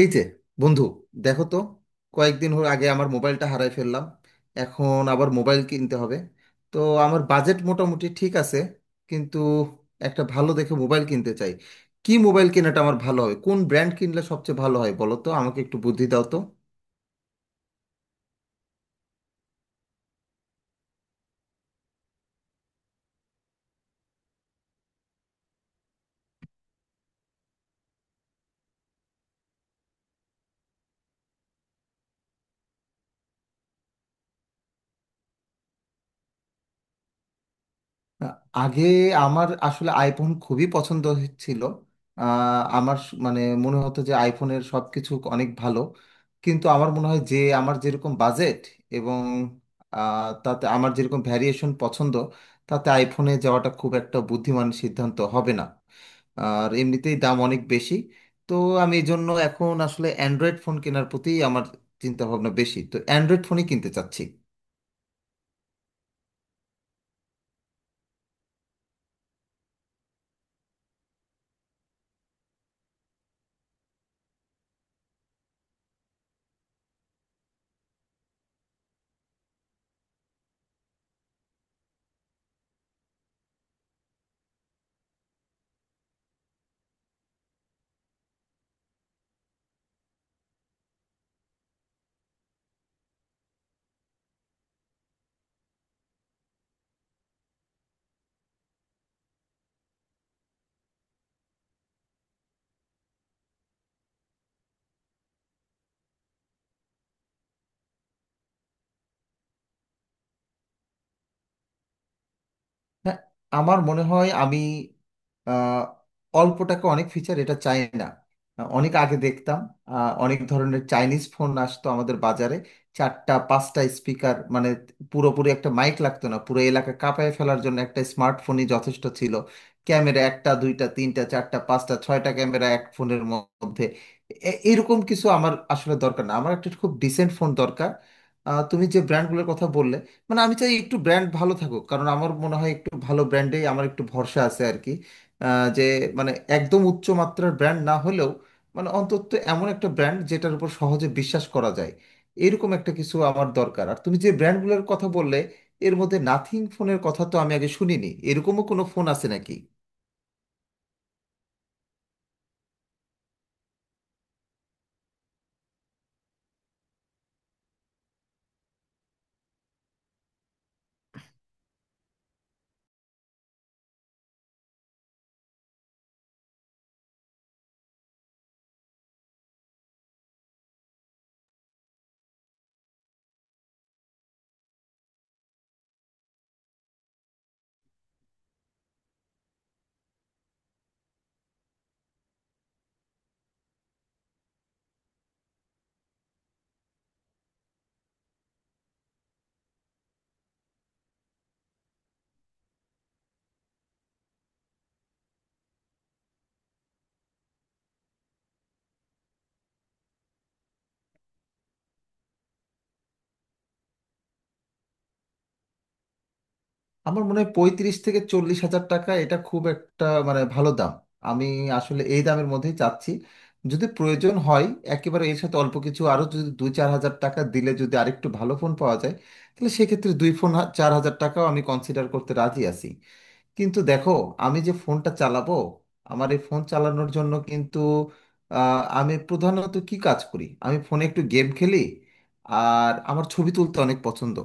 এই যে বন্ধু, দেখো তো, কয়েকদিন হল আগে আমার মোবাইলটা হারাই ফেললাম। এখন আবার মোবাইল কিনতে হবে। তো আমার বাজেট মোটামুটি ঠিক আছে, কিন্তু একটা ভালো দেখে মোবাইল কিনতে চাই। কি মোবাইল কেনাটা আমার ভালো হবে, কোন ব্র্যান্ড কিনলে সবচেয়ে ভালো হয় বলো তো, আমাকে একটু বুদ্ধি দাও তো। আগে আমার আসলে আইফোন খুবই পছন্দ ছিল। আমার মানে মনে হতো যে আইফোনের সব কিছু অনেক ভালো। কিন্তু আমার মনে হয় যে আমার যেরকম বাজেট এবং তাতে আমার যেরকম ভ্যারিয়েশন পছন্দ, তাতে আইফোনে যাওয়াটা খুব একটা বুদ্ধিমান সিদ্ধান্ত হবে না। আর এমনিতেই দাম অনেক বেশি। তো আমি এই জন্য এখন আসলে অ্যান্ড্রয়েড ফোন কেনার প্রতি আমার চিন্তা ভাবনা বেশি, তো অ্যান্ড্রয়েড ফোনই কিনতে চাচ্ছি। হ্যাঁ, আমার মনে হয় আমি আহ, অল্প টাকা অনেক ফিচার এটা চাই না। অনেক আগে দেখতাম অনেক ধরনের চাইনিজ ফোন আসতো আমাদের বাজারে। চারটা পাঁচটা স্পিকার, মানে পুরোপুরি একটা মাইক লাগতো না, পুরো এলাকা কাঁপায় ফেলার জন্য একটা স্মার্টফোনই যথেষ্ট ছিল। ক্যামেরা একটা দুইটা তিনটা চারটা পাঁচটা ছয়টা ক্যামেরা এক ফোনের মধ্যে, এরকম কিছু আমার আসলে দরকার না, আমার একটা খুব ডিসেন্ট ফোন দরকার। তুমি যে ব্র্যান্ডগুলোর কথা বললে, মানে আমি চাই একটু ব্র্যান্ড ভালো থাকুক, কারণ আমার মনে হয় একটু ভালো ব্র্যান্ডেই আমার একটু ভরসা আছে আর কি। যে মানে একদম উচ্চ মাত্রার ব্র্যান্ড না হলেও মানে অন্তত এমন একটা ব্র্যান্ড যেটার উপর সহজে বিশ্বাস করা যায়, এরকম একটা কিছু আমার দরকার। আর তুমি যে ব্র্যান্ডগুলোর কথা বললে, এর মধ্যে নাথিং ফোনের কথা তো আমি আগে শুনিনি, এরকমও কোনো ফোন আছে নাকি? আমার মনে হয় 35 থেকে 40 হাজার টাকা, এটা খুব একটা মানে ভালো দাম। আমি আসলে এই দামের মধ্যেই চাচ্ছি। যদি প্রয়োজন হয় একেবারে এর সাথে অল্প কিছু আরও, যদি 2-4 হাজার টাকা দিলে যদি আরেকটু ভালো ফোন পাওয়া যায়, তাহলে সেক্ষেত্রে দুই ফোন 4 হাজার টাকাও আমি কনসিডার করতে রাজি আছি। কিন্তু দেখো, আমি যে ফোনটা চালাবো, আমার এই ফোন চালানোর জন্য কিন্তু আমি প্রধানত কি কাজ করি, আমি ফোনে একটু গেম খেলি আর আমার ছবি তুলতে অনেক পছন্দ।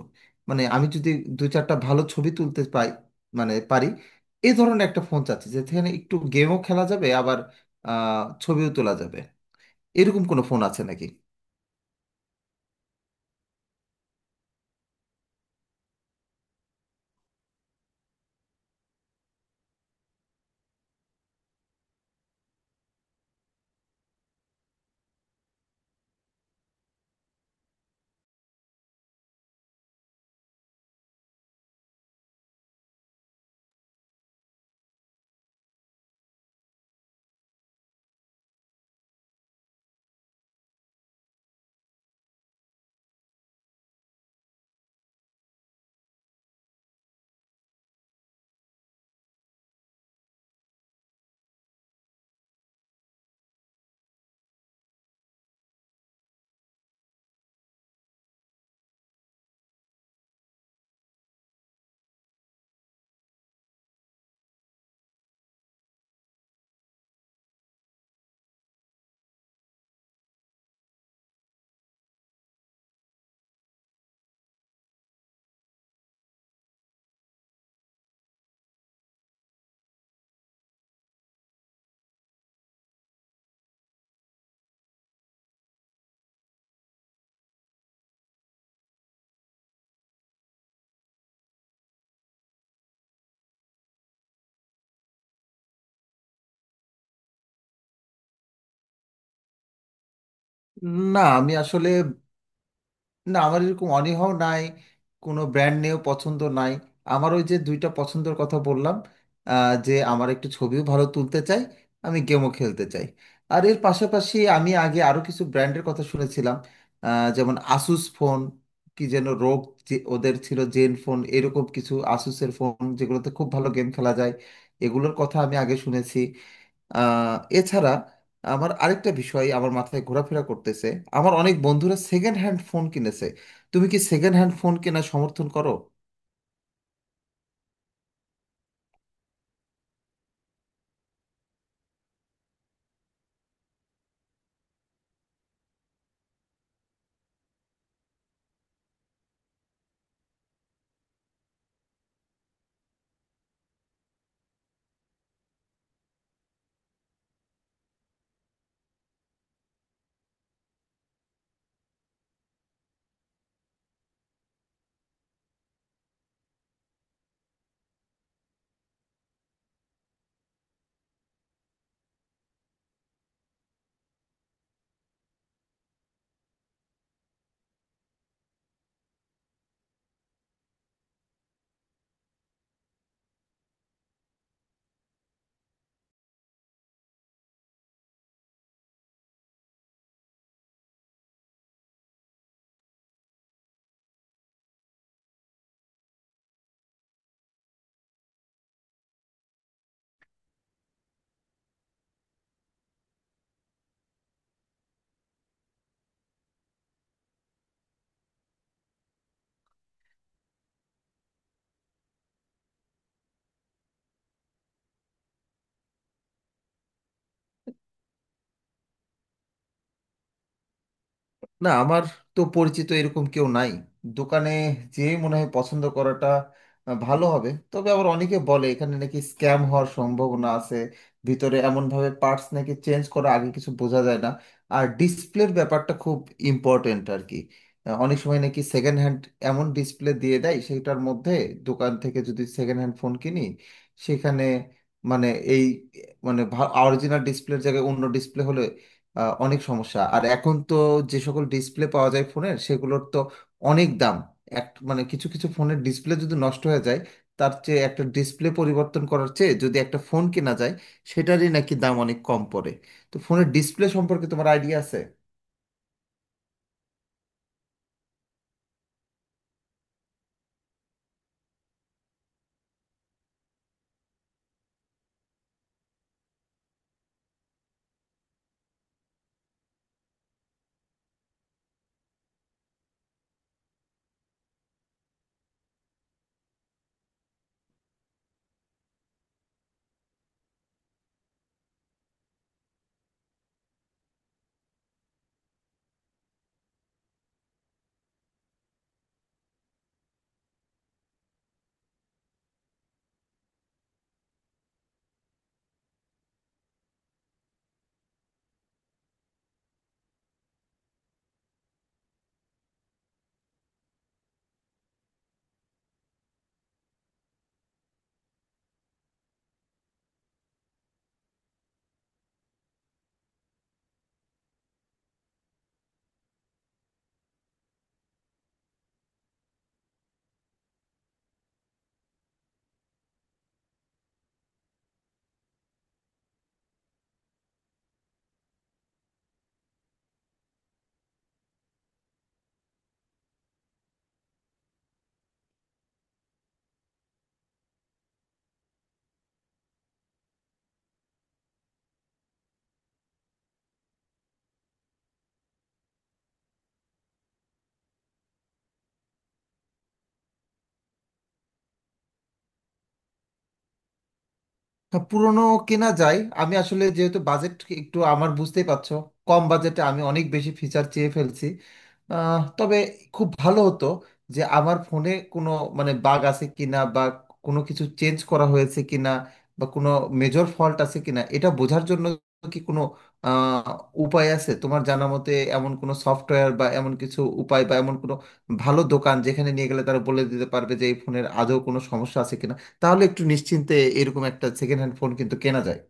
মানে আমি যদি দু চারটা ভালো ছবি তুলতে পাই মানে পারি, এই ধরনের একটা ফোন চাচ্ছি যেখানে একটু গেমও খেলা যাবে আবার ছবিও তোলা যাবে, এরকম কোনো ফোন আছে নাকি? না আমি আসলে, না আমার এরকম অনীহাও নাই, কোনো ব্র্যান্ড নিয়েও পছন্দ নাই। আমার ওই যে দুইটা পছন্দের কথা বললাম, যে আমার একটু ছবিও ভালো তুলতে চাই, আমি গেমও খেলতে চাই। আর এর পাশাপাশি আমি আগে আরও কিছু ব্র্যান্ডের কথা শুনেছিলাম, যেমন আসুস ফোন। কি যেন রোগ, যে ওদের ছিল জেন ফোন এরকম কিছু, আসুসের ফোন যেগুলোতে খুব ভালো গেম খেলা যায়, এগুলোর কথা আমি আগে শুনেছি। আহ, এছাড়া আমার আরেকটা বিষয় আমার মাথায় ঘোরাফেরা করতেছে, আমার অনেক বন্ধুরা সেকেন্ড হ্যান্ড ফোন কিনেছে, তুমি কি সেকেন্ড হ্যান্ড ফোন কেনা সমর্থন করো? না আমার তো পরিচিত এরকম কেউ নাই দোকানে, যে মনে হয় পছন্দ করাটা ভালো হবে। তবে আবার অনেকে বলে এখানে নাকি স্ক্যাম হওয়ার সম্ভাবনা আছে, ভিতরে এমনভাবে পার্টস নাকি চেঞ্জ করা আগে কিছু বোঝা যায় না। আর ডিসপ্লের ব্যাপারটা খুব ইম্পর্ট্যান্ট আর কি। অনেক সময় নাকি সেকেন্ড হ্যান্ড এমন ডিসপ্লে দিয়ে দেয় সেটার মধ্যে, দোকান থেকে যদি সেকেন্ড হ্যান্ড ফোন কিনি সেখানে মানে এই মানে অরিজিনাল ডিসপ্লের জায়গায় অন্য ডিসপ্লে হলে অনেক সমস্যা। আর এখন তো যে সকল ডিসপ্লে পাওয়া যায় ফোনের, সেগুলোর তো অনেক দাম। এক মানে কিছু কিছু ফোনের ডিসপ্লে যদি নষ্ট হয়ে যায়, তার চেয়ে একটা ডিসপ্লে পরিবর্তন করার চেয়ে যদি একটা ফোন কেনা যায়, সেটারই নাকি দাম অনেক কম পড়ে। তো ফোনের ডিসপ্লে সম্পর্কে তোমার আইডিয়া আছে? হ্যাঁ, পুরোনো কেনা যায়। আমি আসলে যেহেতু বাজেট একটু, আমার বুঝতেই পারছো, কম বাজেটে আমি অনেক বেশি ফিচার চেয়ে ফেলছি। তবে খুব ভালো হতো যে আমার ফোনে কোনো মানে বাগ আছে কিনা বা কোনো কিছু চেঞ্জ করা হয়েছে কিনা বা কোনো মেজর ফল্ট আছে কিনা এটা বোঝার জন্য কি কোনো আহ, উপায় আছে তোমার জানা মতে? এমন কোনো সফটওয়্যার বা এমন কিছু উপায় বা এমন কোনো ভালো দোকান যেখানে নিয়ে গেলে তারা বলে দিতে পারবে যে এই ফোনের আদৌ কোনো সমস্যা আছে কিনা, তাহলে একটু নিশ্চিন্তে এরকম একটা সেকেন্ড হ্যান্ড ফোন কিন্তু কেনা যায়।